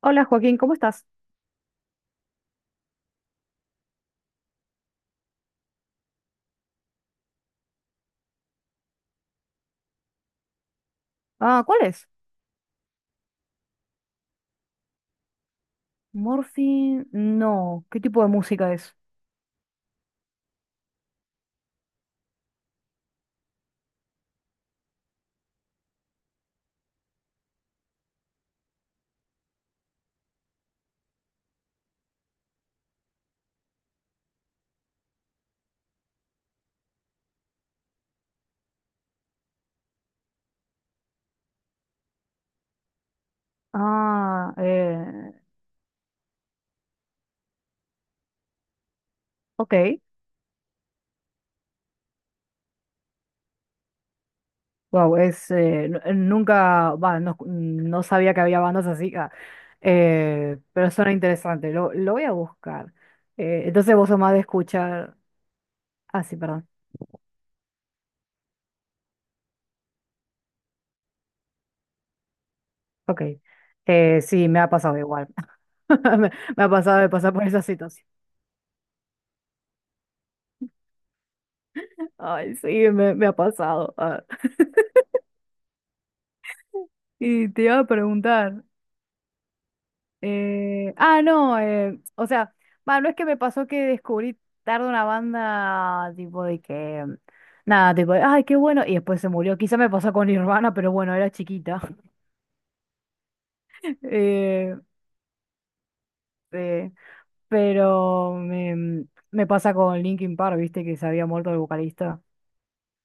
Hola Joaquín, ¿cómo estás? Ah, ¿cuál es? Morphine, no. ¿Qué tipo de música es? Ah, ok. Wow, es nunca, va, no sabía que había bandas así, ah, pero suena interesante. Lo voy a buscar. Entonces vos sos más de escuchar. Ah, sí, perdón. Ok. Sí, me ha pasado igual. Me, me ha pasado de pasar por esa situación. Ay, sí, me ha pasado. Ah, y te iba a preguntar. Ah, no, o sea, va, no es que me pasó que descubrí tarde una banda tipo de que, nada, tipo, de, ay, qué bueno, y después se murió. Quizá me pasó con Nirvana, pero bueno, era chiquita. Eh, eh, pero me pasa con Linkin Park, viste, que se había muerto el vocalista.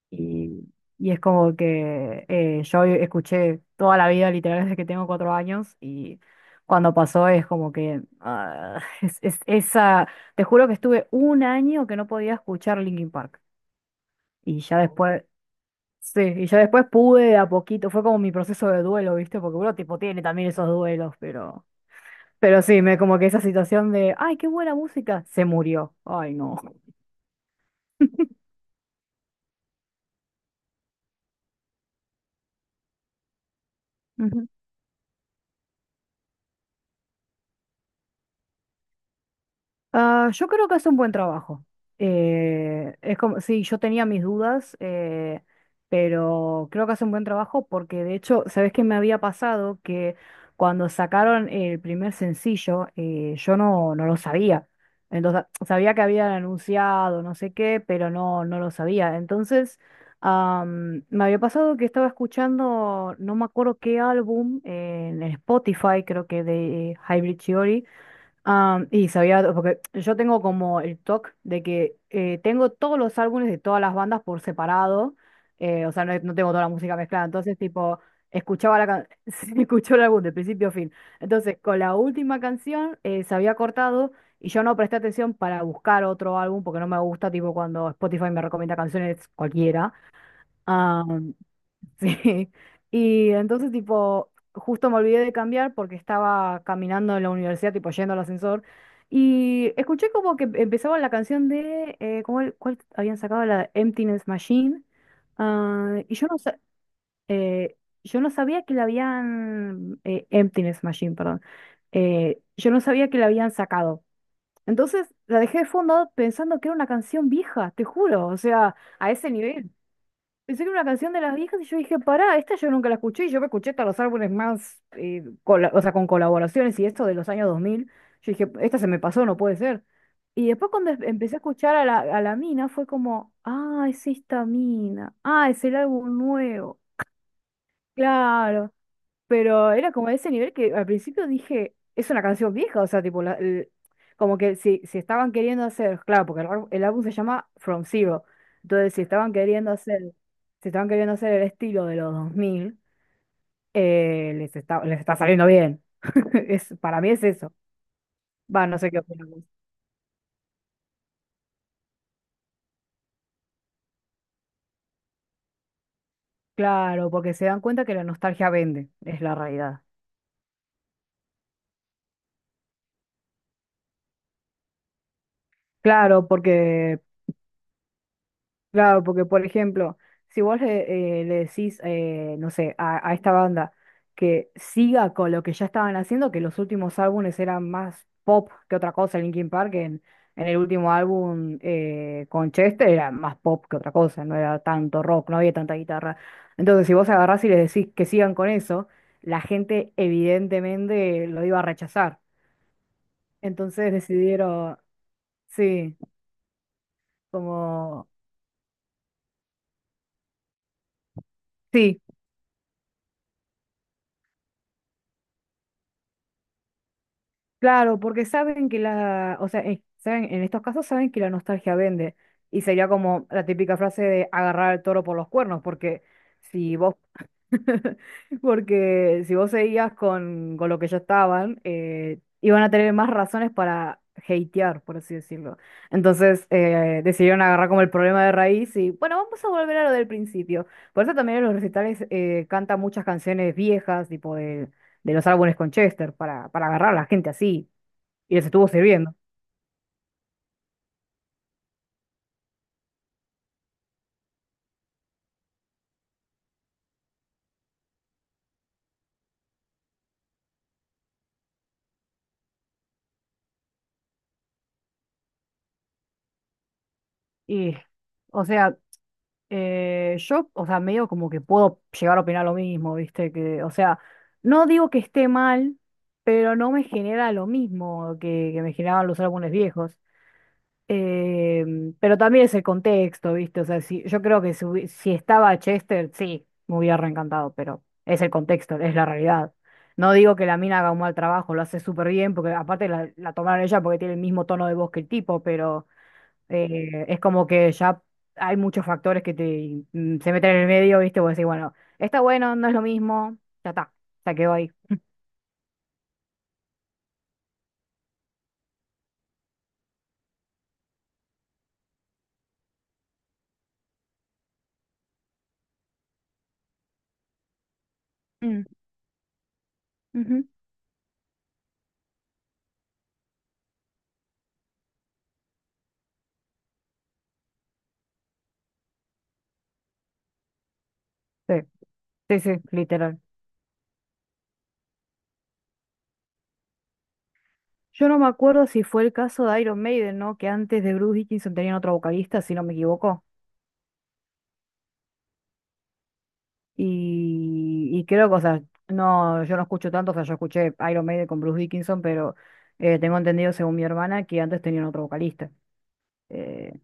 Y, y es como que yo escuché toda la vida, literal, desde que tengo 4 años, y cuando pasó es como que ah, esa, te juro que estuve un año que no podía escuchar Linkin Park. Y ya después, sí, y ya después pude de a poquito, fue como mi proceso de duelo, ¿viste? Porque uno tipo tiene también esos duelos, pero sí, me como que esa situación de, ay, qué buena música, se murió. Ay, no. Ah, yo creo que hace un buen trabajo. Es como, sí, yo tenía mis dudas, pero creo que hace un buen trabajo porque de hecho, ¿sabes qué me había pasado? Que cuando sacaron el primer sencillo, yo no lo sabía. Entonces, sabía que habían anunciado, no sé qué, pero no lo sabía. Entonces, me había pasado que estaba escuchando, no me acuerdo qué álbum, en Spotify, creo que de Hybrid Theory. Ah, y sabía, porque yo tengo como el TOC de que tengo todos los álbumes de todas las bandas por separado. O sea, no tengo toda la música mezclada, entonces tipo, escuchaba escuchó el álbum de principio a fin. Entonces, con la última canción se había cortado y yo no presté atención para buscar otro álbum porque no me gusta, tipo, cuando Spotify me recomienda canciones cualquiera. Sí. Y entonces, tipo, justo me olvidé de cambiar porque estaba caminando en la universidad, tipo, yendo al ascensor. Y escuché como que empezaba la canción de, ¿cómo cuál habían sacado? La de Emptiness Machine. Ah, y eh, yo no sabía que la habían, Emptiness Machine, perdón. Yo no sabía que la habían sacado. Entonces la dejé de fondo pensando que era una canción vieja, te juro. O sea, a ese nivel. Pensé que era una canción de las viejas y yo dije, pará, esta yo nunca la escuché y yo me escuché hasta los álbumes más, o sea, con colaboraciones y esto de los años 2000. Yo dije, esta se me pasó, no puede ser. Y después cuando empecé a escuchar a la mina fue como, ah, es esta mina, ah, es el álbum nuevo. Claro. Pero era como de ese nivel que al principio dije, es una canción vieja, o sea, tipo, como que si estaban queriendo hacer, claro, porque el álbum se llama From Zero, entonces si estaban queriendo hacer el estilo de los 2000, les está saliendo bien. Para mí es eso. Va, no sé qué opinas vos. Claro, porque se dan cuenta que la nostalgia vende, es la realidad. Claro, porque Claro, porque por ejemplo, si vos le decís, no sé, a esta banda que siga con lo que ya estaban haciendo, que los últimos álbumes eran más pop que otra cosa, Linkin Park en el último álbum con Chester era más pop que otra cosa, no era tanto rock, no había tanta guitarra. Entonces, si vos agarrás y les decís que sigan con eso, la gente evidentemente lo iba a rechazar. Entonces decidieron, sí, como, sí. Claro, porque saben que o sea, saben, en estos casos saben que la nostalgia vende. Y sería como la típica frase de agarrar al toro por los cuernos, porque si vos, porque si vos seguías con lo que ya estaban, iban a tener más razones para hatear, por así decirlo. Entonces, decidieron agarrar como el problema de raíz y, bueno, vamos a volver a lo del principio. Por eso también en los recitales canta muchas canciones viejas, tipo de los álbumes con Chester para agarrar a la gente así y les estuvo sirviendo. Y, o sea, yo, o sea, medio como que puedo llegar a opinar lo mismo, ¿viste? Que, o sea, no digo que esté mal, pero no me genera lo mismo que me generaban los álbumes viejos. Eh, pero también es el contexto, ¿viste? O sea, si, yo creo que si estaba Chester, sí, me hubiera reencantado, pero es el contexto, es la realidad. No digo que la mina haga un mal trabajo, lo hace súper bien, porque aparte la tomaron ella porque tiene el mismo tono de voz que el tipo, pero es como que ya hay muchos factores que se meten en el medio, ¿viste? Vos decís, bueno, está bueno, no es lo mismo, ya está, se quedó ahí. Mm, ujú. Sí, sí, sí, literal. Yo no me acuerdo si fue el caso de Iron Maiden, ¿no? Que antes de Bruce Dickinson tenían otro vocalista, si no me equivoco. Y creo que, o sea, no, yo no escucho tanto, o sea, yo escuché Iron Maiden con Bruce Dickinson, pero tengo entendido, según mi hermana, que antes tenían otro vocalista. Eh,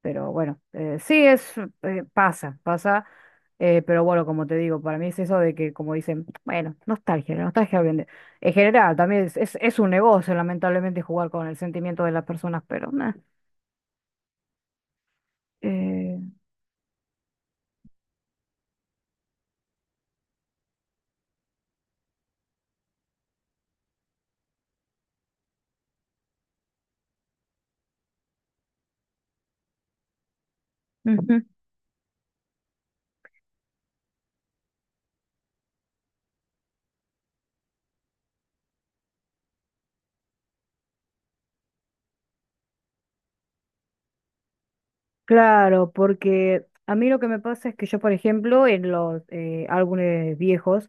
Pero bueno, pasa, pasa. Pero bueno, como te digo, para mí es eso de que, como dicen, bueno, nostalgia, la nostalgia vende. En general, también es un negocio, lamentablemente, jugar con el sentimiento de las personas, pero nada. Claro, porque a mí lo que me pasa es que yo, por ejemplo, en los álbumes viejos,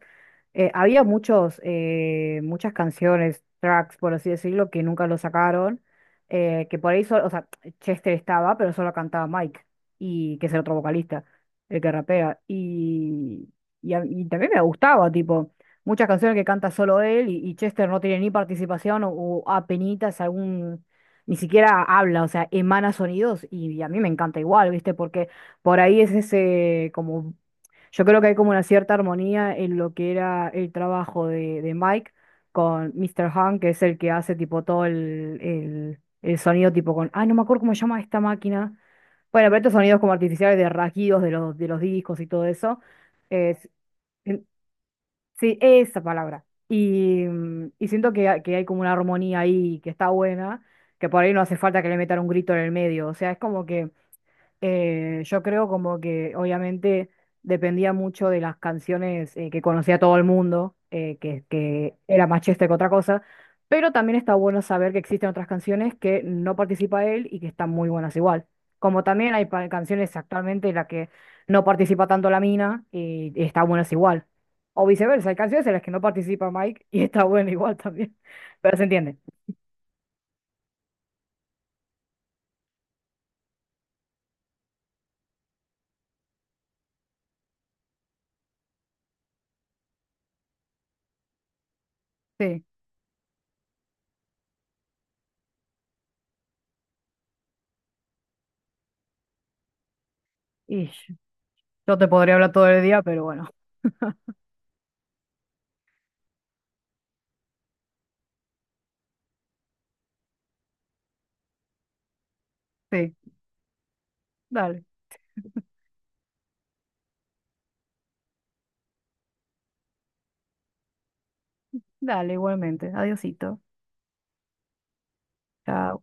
había muchas canciones, tracks, por así decirlo, que nunca lo sacaron, que por ahí solo, o sea, Chester estaba, pero solo cantaba Mike, y que es el otro vocalista, el que rapea, y también me gustaba, tipo, muchas canciones que canta solo él, y Chester no tiene ni participación, o apenitas algún ni siquiera habla, o sea, emana sonidos y a mí me encanta igual, ¿viste? Porque por ahí es ese como, yo creo que hay como una cierta armonía en lo que era el trabajo de Mike con Mr. Han, que es el que hace tipo todo el sonido tipo con, ay, no me acuerdo cómo se llama esta máquina. Bueno, pero estos sonidos como artificiales de rasguidos de los discos y todo eso. Es, Sí, esa palabra. Y siento que hay como una armonía ahí que está buena, que por ahí no hace falta que le metan un grito en el medio. O sea, es como que yo creo como que obviamente dependía mucho de las canciones que conocía todo el mundo, que era más chiste que otra cosa, pero también está bueno saber que existen otras canciones que no participa él y que están muy buenas igual. Como también hay canciones actualmente en las que no participa tanto la mina y están buenas igual. O viceversa, hay canciones en las que no participa Mike y está buena igual también. Pero se entiende. Sí, y yo te podría hablar todo el día, pero bueno, sí. Dale. Dale, igualmente. Adiosito. Chao.